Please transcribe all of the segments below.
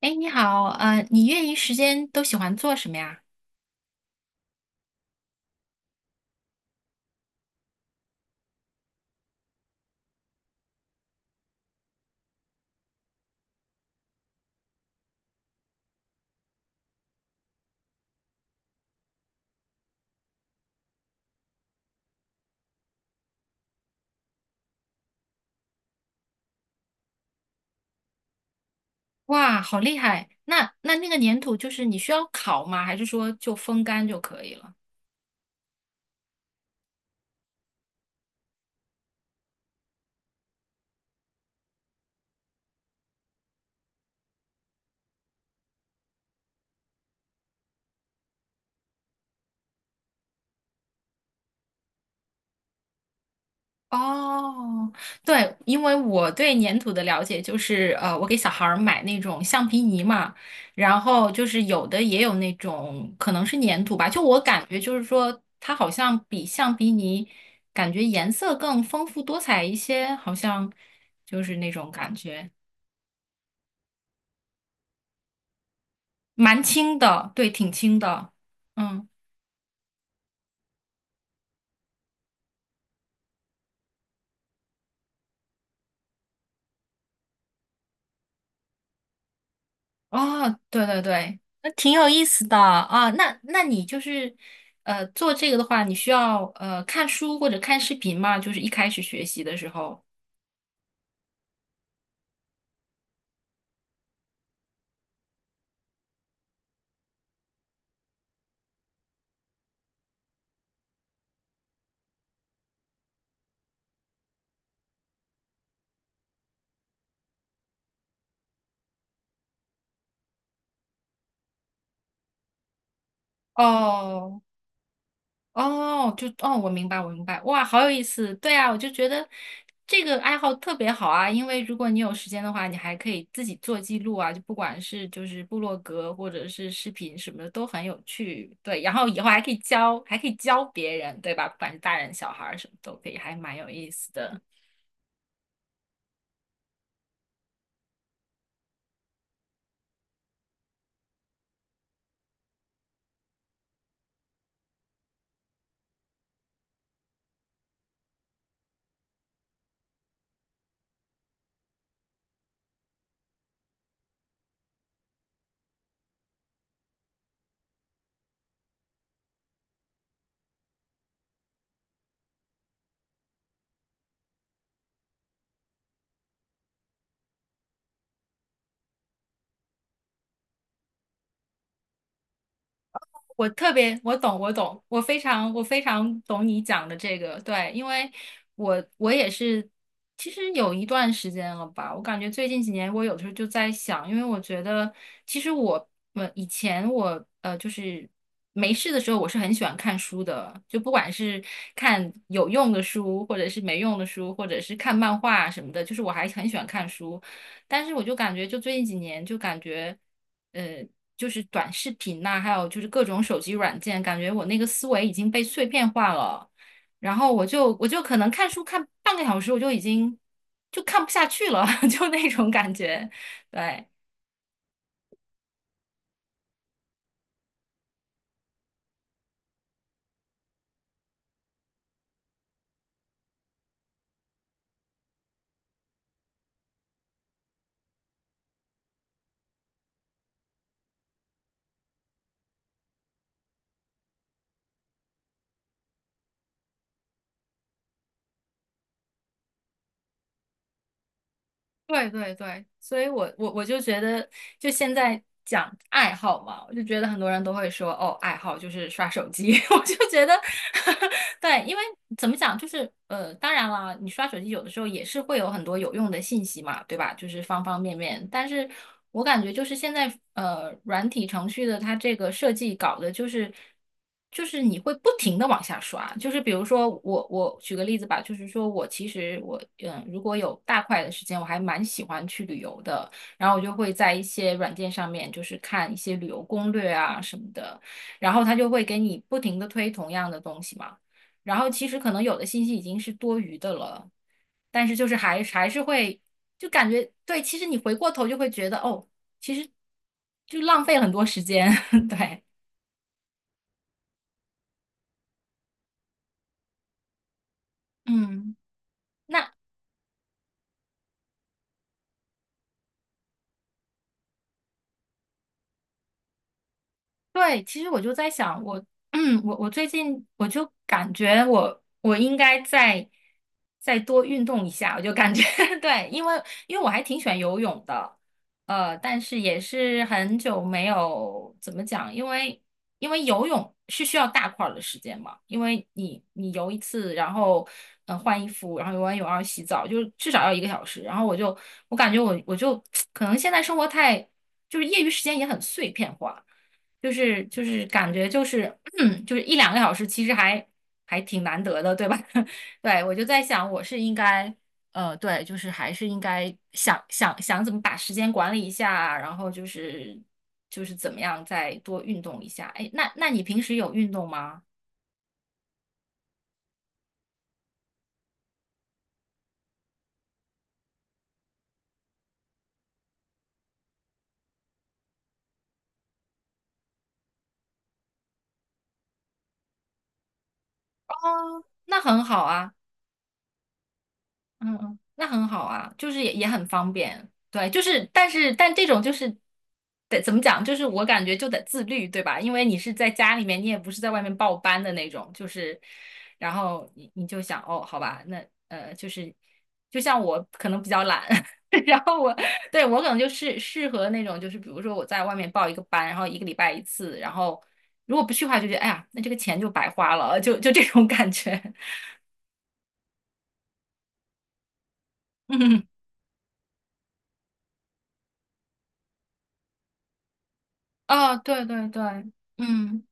哎，你好，你业余时间都喜欢做什么呀？哇，好厉害！那那个粘土就是你需要烤吗？还是说就风干就可以了？哦，对，因为我对粘土的了解就是，我给小孩儿买那种橡皮泥嘛，然后就是有的也有那种可能是粘土吧，就我感觉就是说它好像比橡皮泥感觉颜色更丰富多彩一些，好像就是那种感觉。蛮轻的，对，挺轻的。嗯。哦，对对对，那挺有意思的啊。那那你就是，做这个的话，你需要看书或者看视频吗？就是一开始学习的时候。哦哦，我明白，我明白，哇，好有意思。对啊，我就觉得这个爱好特别好啊，因为如果你有时间的话，你还可以自己做记录啊，就不管是就是部落格或者是视频什么的都很有趣。对，然后以后还可以教，还可以教别人，对吧？不管是大人小孩儿什么都可以，还蛮有意思的。我特别，我懂，我懂，我非常，我非常懂你讲的这个，对，因为我也是，其实有一段时间了吧，我感觉最近几年我有的时候就在想，因为我觉得其实我，以前我就是没事的时候，我是很喜欢看书的，就不管是看有用的书，或者是没用的书，或者是看漫画什么的，就是我还很喜欢看书，但是我就感觉就最近几年就感觉。呃，就是短视频呐、还有就是各种手机软件，感觉我那个思维已经被碎片化了。然后我就可能看书看半个小时，我就已经就看不下去了，就那种感觉。对，对对对，所以我就觉得，就现在讲爱好嘛，我就觉得很多人都会说，哦，爱好就是刷手机，我就觉得，对，因为怎么讲，就是,当然了，你刷手机有的时候也是会有很多有用的信息嘛，对吧？就是方方面面，但是我感觉就是现在软体程序的它这个设计搞的就是。就是你会不停的往下刷，就是比如说我举个例子吧，就是说我其实我,如果有大块的时间，我还蛮喜欢去旅游的，然后我就会在一些软件上面就是看一些旅游攻略啊什么的，然后他就会给你不停的推同样的东西嘛，然后其实可能有的信息已经是多余的了，但是就是还是会就感觉对，其实你回过头就会觉得哦，就浪费了很多时间，对。嗯，那对，其实我就在想，我，嗯，我最近我就感觉我应该再多运动一下，我就感觉 对，因为因为我还挺喜欢游泳的，但是也是很久没有怎么讲，因为因为游泳是需要大块儿的时间嘛，因为你游一次，然后换衣服，然后游完泳然后洗澡，就是至少要一个小时，然后我感觉我就 可能现在生活太就是业余时间也很碎片化。就是感觉就是 就是一两个小时，其实还挺难得的，对吧？对，我就在想，我是应该对，就是还是应该想想怎么把时间管理一下啊，然后怎么样再多运动一下。哎，那你平时有运动吗？那很好啊。嗯嗯，那很好啊，就是也很方便，对，但这种就是得怎么讲，就是我感觉就得自律，对吧？因为你是在家里面，你也不是在外面报班的那种，就是你就想哦，好吧，那就是就像我可能比较懒，然后我对我可能就是适合那种，就是比如说我在外面报一个班，然后一个礼拜一次，然后如果不去的话，就觉得哎呀，那这个钱就白花了，就这种感觉，嗯，哦，对对对。嗯。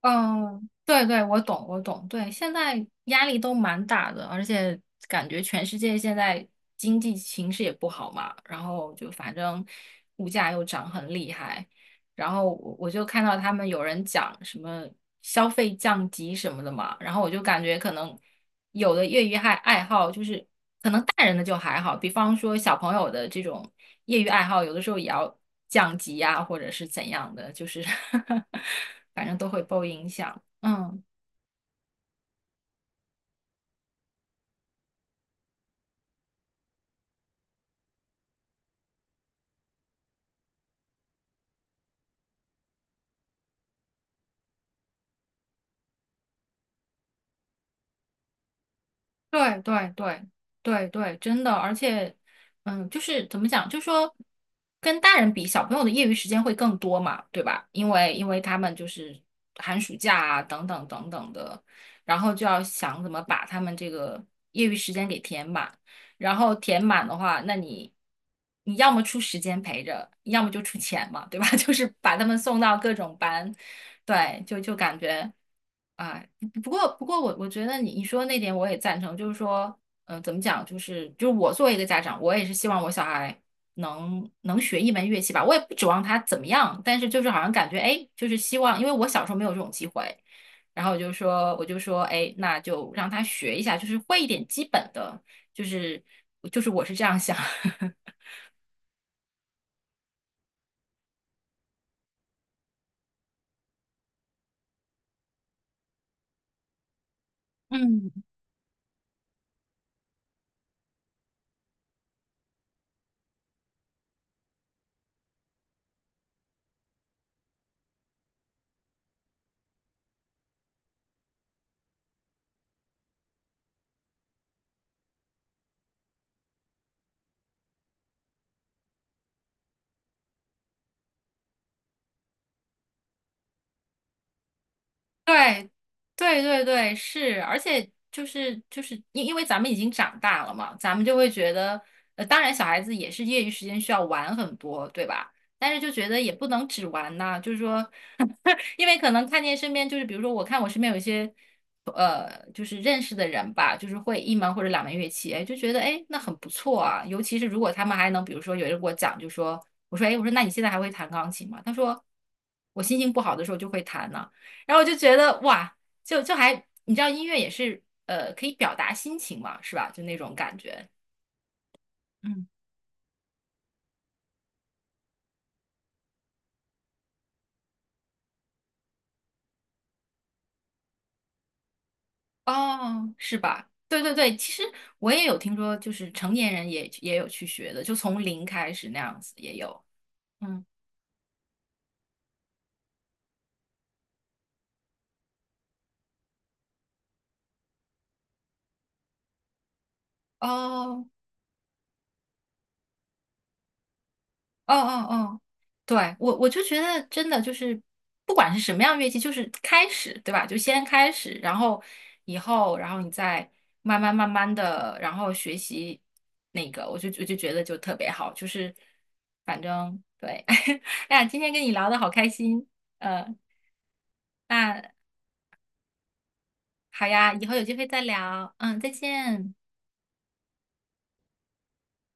嗯，对对，我懂，我懂。对，现在压力都蛮大的，而且感觉全世界现在经济形势也不好嘛，然后就反正物价又涨很厉害，然后我就看到他们有人讲什么消费降级什么的嘛，然后我就感觉可能有的业余爱好就是大人的就还好，比方说小朋友的这种业余爱好，有的时候也要降级呀、或者是怎样的，就是 反正都会受影响。嗯。对对对对对，真的，而且，嗯，就是怎么讲，就说跟大人比，小朋友的业余时间会更多嘛，对吧？因为因为他们就是寒暑假啊，等等等等的，然后就要想怎么把他们这个业余时间给填满，然后填满的话，那你要么出时间陪着，要么就出钱嘛，对吧？就是把他们送到各种班，对，就感觉。啊。不过,我觉得你说的那点我也赞成，就是说，嗯、怎么讲，就是我作为一个家长，我也是希望我小孩能学一门乐器吧，我也不指望他怎么样，但是就是好像感觉，哎，就是希望，因为我小时候没有这种机会，然后我就说，哎，那就让他学一下，就是会一点基本的，就是就是我是这样想。嗯。对，对对对，是，而且就是因因为咱们已经长大了嘛，咱们就会觉得，当然小孩子也是业余时间需要玩很多，对吧？但是就觉得也不能只玩呐，就是说，因为可能看见身边就是，比如说我看我身边有一些，就是认识的人吧，就是会一门或者两门乐器，哎，就觉得哎那很不错啊，尤其是如果他们还能，比如说有人给我讲，就说我说哎，我说那你现在还会弹钢琴吗？他说我心情不好的时候就会弹呐。然后我就觉得哇，就还你知道音乐也是可以表达心情嘛，是吧？就那种感觉。嗯，哦，是吧？对对对，其实我也有听说，就是成年人也有去学的，就从零开始那样子也有。嗯，哦，哦哦哦，对，我就觉得真的就是，不管是什么样乐器，就是开始，对吧？就先开始，然后以后，然后你再慢慢慢慢的，然后学习那个，我就觉得就特别好，就是反正对，哎呀，今天跟你聊的好开心，呃，那好呀，以后有机会再聊，嗯，再见。